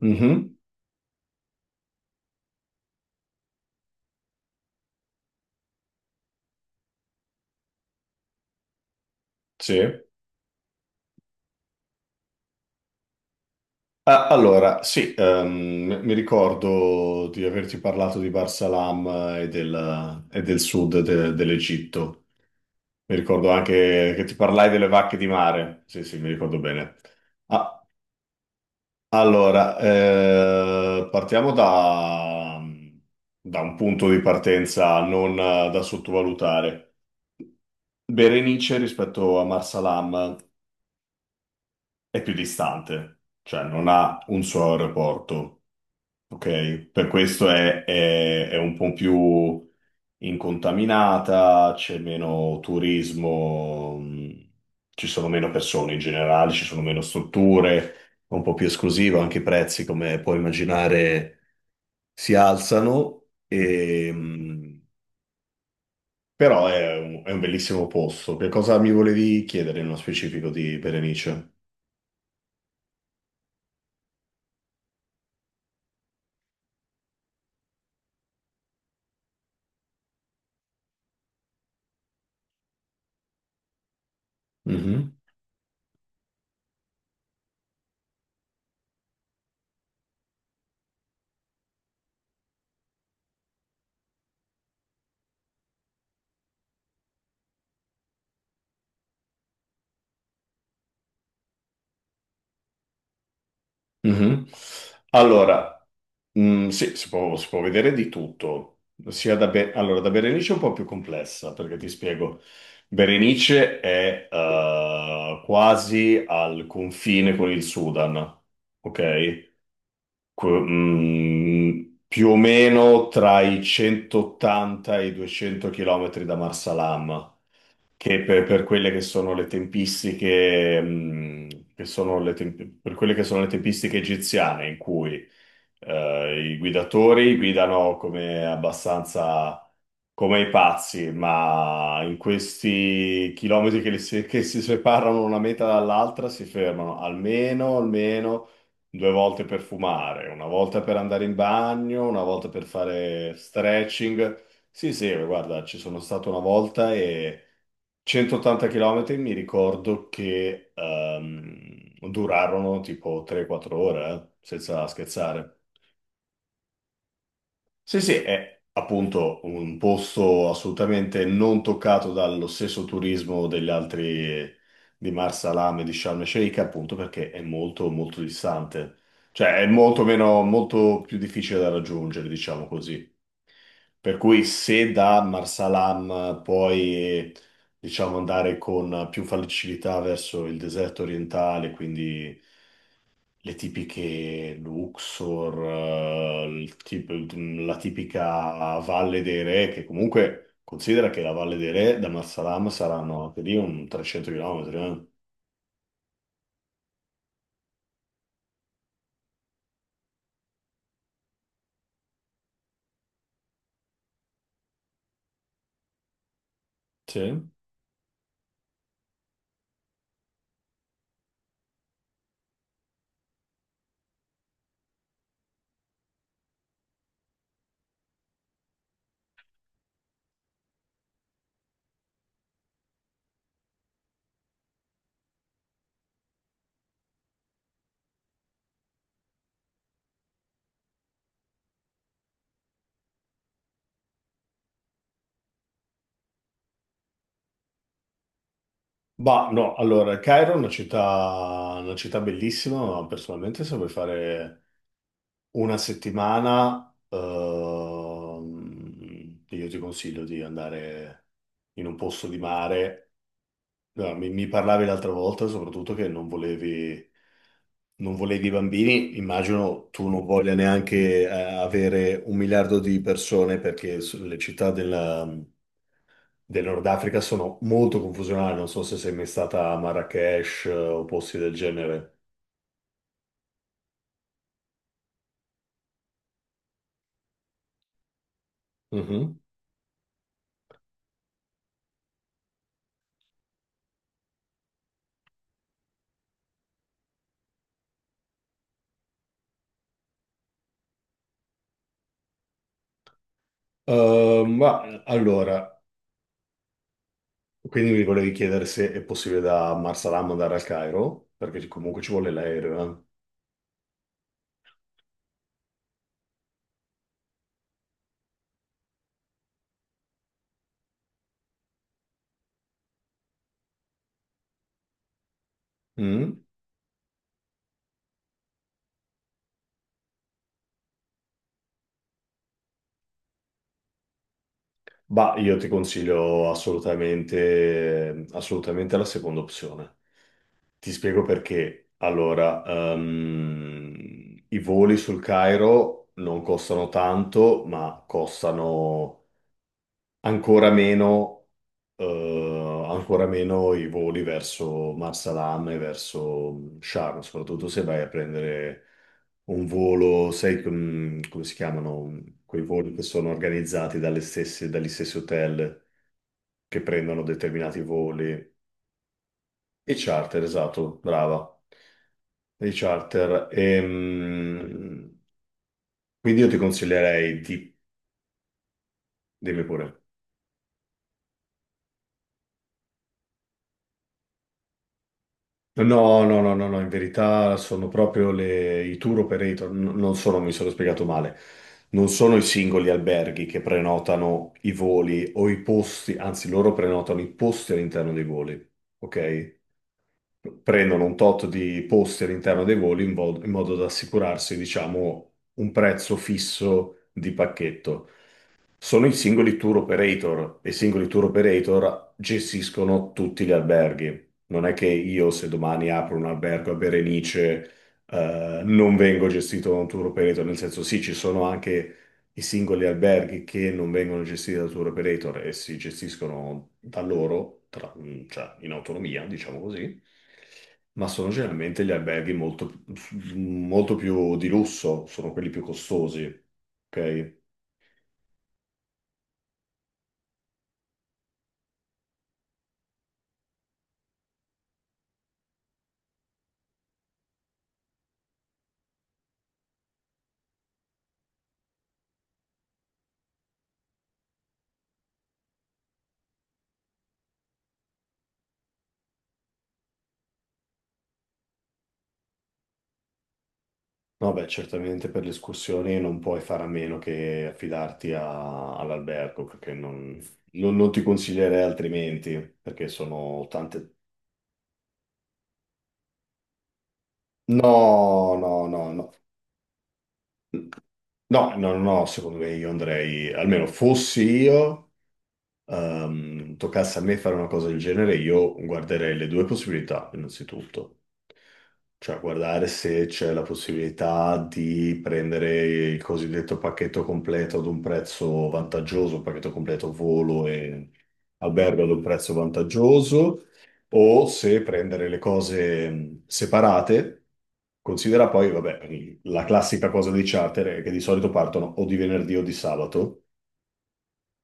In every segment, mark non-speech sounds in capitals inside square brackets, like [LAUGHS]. Mhm, sì. Ah, allora, sì, mi ricordo di averti parlato di Barsalam e del sud dell'Egitto. Mi ricordo anche che ti parlai delle vacche di mare. Sì, sì, mi ricordo bene. Ah, allora, partiamo da un punto di partenza non da sottovalutare. Berenice rispetto a Marsalam è più distante, cioè non ha un suo aeroporto. Ok, per questo è un po' più incontaminata, c'è meno turismo, ci sono meno persone in generale, ci sono meno strutture, è un po' più esclusivo, anche i prezzi, come puoi immaginare, si alzano, però è un bellissimo posto. Che cosa mi volevi chiedere nello specifico di Berenice? Mhm, mhm. Allora. Mm, sì, si può vedere di tutto. Allora, da Berenice è un po' più complessa, perché ti spiego. Berenice è quasi al confine con il Sudan, ok? Que- mm, più o meno tra i 180 e i 200 chilometri da Marsalam, che per quelle che sono le tempistiche, che sono le temp- per quelle che sono le tempistiche egiziane, in cui i guidatori guidano come abbastanza come i pazzi, ma in questi chilometri che si separano una meta dall'altra, si fermano almeno, almeno due volte per fumare, una volta per andare in bagno, una volta per fare stretching. Sì, sì, guarda, ci sono stato una volta e 180 km mi ricordo che durarono tipo 3-4 ore, senza scherzare. Sì, sì, è appunto un posto assolutamente non toccato dallo stesso turismo degli altri di Marsalam e di Sharm el Sheikh, appunto perché è molto molto distante. Cioè è molto meno, molto più difficile da raggiungere, diciamo così. Per cui se da Marsalam puoi, diciamo, andare con più facilità verso il deserto orientale, quindi le tipiche Luxor, la tipica Valle dei Re, che comunque considera che la Valle dei Re da Marsalam saranno anche lì un 300 km. Sì. Bah, no, allora, Cairo è una città bellissima, ma personalmente se vuoi fare una settimana, io ti consiglio di andare in un posto di mare. No, mi parlavi l'altra volta soprattutto che non volevi bambini. Immagino tu non voglia neanche avere un miliardo di persone perché le città del Nord Africa sono molto confusionali. Non so se sei mai stata a Marrakech o posti del genere. Mhm. Ma allora. Quindi mi volevi chiedere se è possibile da Marsalam andare al Cairo, perché comunque ci vuole l'aereo. Eh. Mm? Bah, io ti consiglio assolutamente, assolutamente la seconda opzione. Ti spiego perché. Allora, i voli sul Cairo non costano tanto, ma costano ancora meno i voli verso Marsalam e verso Sharm, soprattutto se vai a prendere un volo, sai come si chiamano quei voli che sono organizzati dagli stessi hotel che prendono determinati voli. I charter, esatto, brava. I charter. Quindi io ti consiglierei di... Dimmi pure. No, no, no, no, no, in verità sono proprio i tour operator, non sono, mi sono spiegato male, non sono i singoli alberghi che prenotano i voli o i posti, anzi loro prenotano i posti all'interno dei voli, ok? Prendono un tot di posti all'interno dei voli in modo da assicurarsi, diciamo, un prezzo fisso di pacchetto. Sono i singoli tour operator e i singoli tour operator gestiscono tutti gli alberghi. Non è che io, se domani apro un albergo a Berenice, non vengo gestito da un tour operator, nel senso sì, ci sono anche i singoli alberghi che non vengono gestiti da tour operator e si gestiscono da loro, cioè in autonomia, diciamo così, ma sono generalmente gli alberghi molto molto più di lusso, sono quelli più costosi, ok? No, beh, certamente per le escursioni non puoi fare a meno che affidarti all'albergo, perché non ti consiglierei altrimenti, perché sono tante... No, no, no, no. No, no, no, no, secondo me io andrei, almeno fossi io, toccasse a me fare una cosa del genere, io guarderei le due possibilità, innanzitutto. Cioè, guardare se c'è la possibilità di prendere il cosiddetto pacchetto completo ad un prezzo vantaggioso, pacchetto completo volo e albergo ad un prezzo vantaggioso, o se prendere le cose separate. Considera poi, vabbè, la classica cosa dei charter è che di solito partono o di venerdì o di sabato,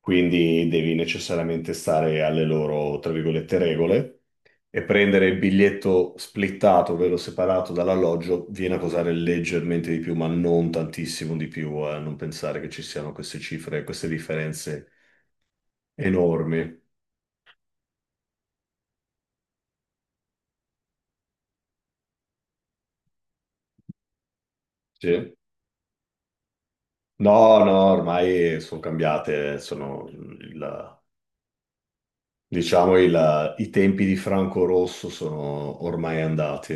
quindi devi necessariamente stare alle loro, tra virgolette, regole e prendere il biglietto splittato, ovvero separato dall'alloggio, viene a costare leggermente di più, ma non tantissimo di più, non pensare che ci siano queste cifre, queste differenze enormi. Sì. No, no, ormai sono cambiate, sono il- diciamo il- i tempi di Franco Rosso sono ormai andati.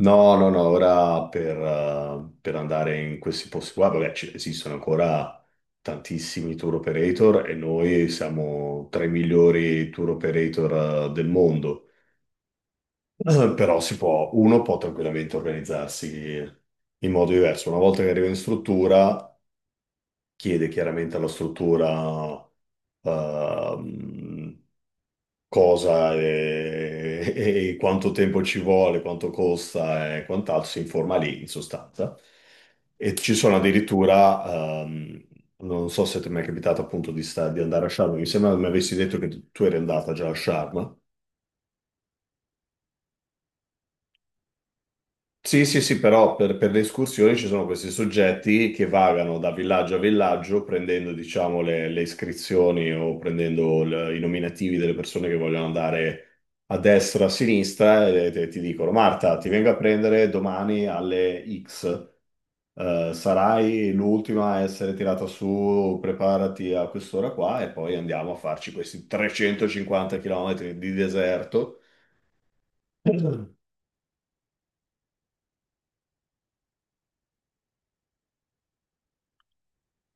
No, no, no, ora per andare in questi posti qua, vabbè, esistono ancora tantissimi tour operator e noi siamo tra i migliori tour operator del mondo. [CLEARS THROAT] Però si può, uno può tranquillamente organizzarsi in modo diverso. Una volta che arriva in struttura, chiede chiaramente alla struttura, ehm, cosa e, e quanto tempo ci vuole, quanto costa e quant'altro, si informa lì in sostanza. E ci sono addirittura, non so se ti è mai capitato appunto di andare a Sharm, mi sembra mi avessi detto che tu eri andata già a Sharm. Sì, sì, sì, però per le escursioni ci sono questi soggetti che vagano da villaggio a villaggio prendendo, diciamo, le iscrizioni o prendendo i nominativi delle persone che vogliono andare a destra, a sinistra e ti dicono, Marta, ti vengo a prendere domani alle X. Sarai l'ultima a essere tirata su, preparati a quest'ora qua e poi andiamo a farci questi 350 chilometri di deserto. [CLEARS THROAT]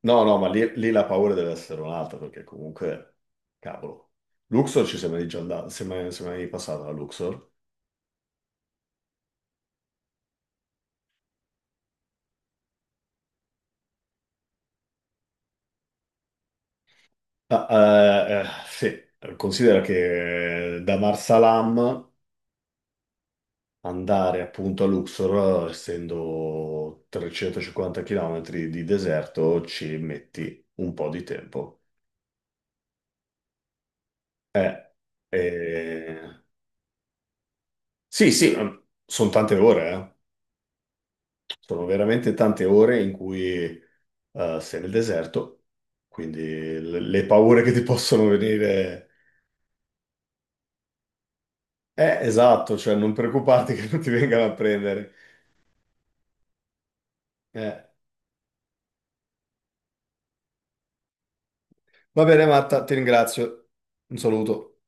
No, no, ma lì la paura deve essere un'altra, perché comunque, cavolo, Luxor ci siamo mai già andati, siamo mai passati a Luxor. Ah, sì, considera che da Marsalam andare appunto a Luxor, essendo 350 km di deserto, ci metti un po' di tempo. Eh, eh, sì, sì, sono tante ore, eh. Sono veramente tante ore in cui sei nel deserto, quindi le paure che ti [LAUGHS] possono venire... esatto, cioè non preoccuparti [LAUGHS] che non ti vengano a prendere. Eh. Va bene, Marta, ti ringrazio. Un saluto.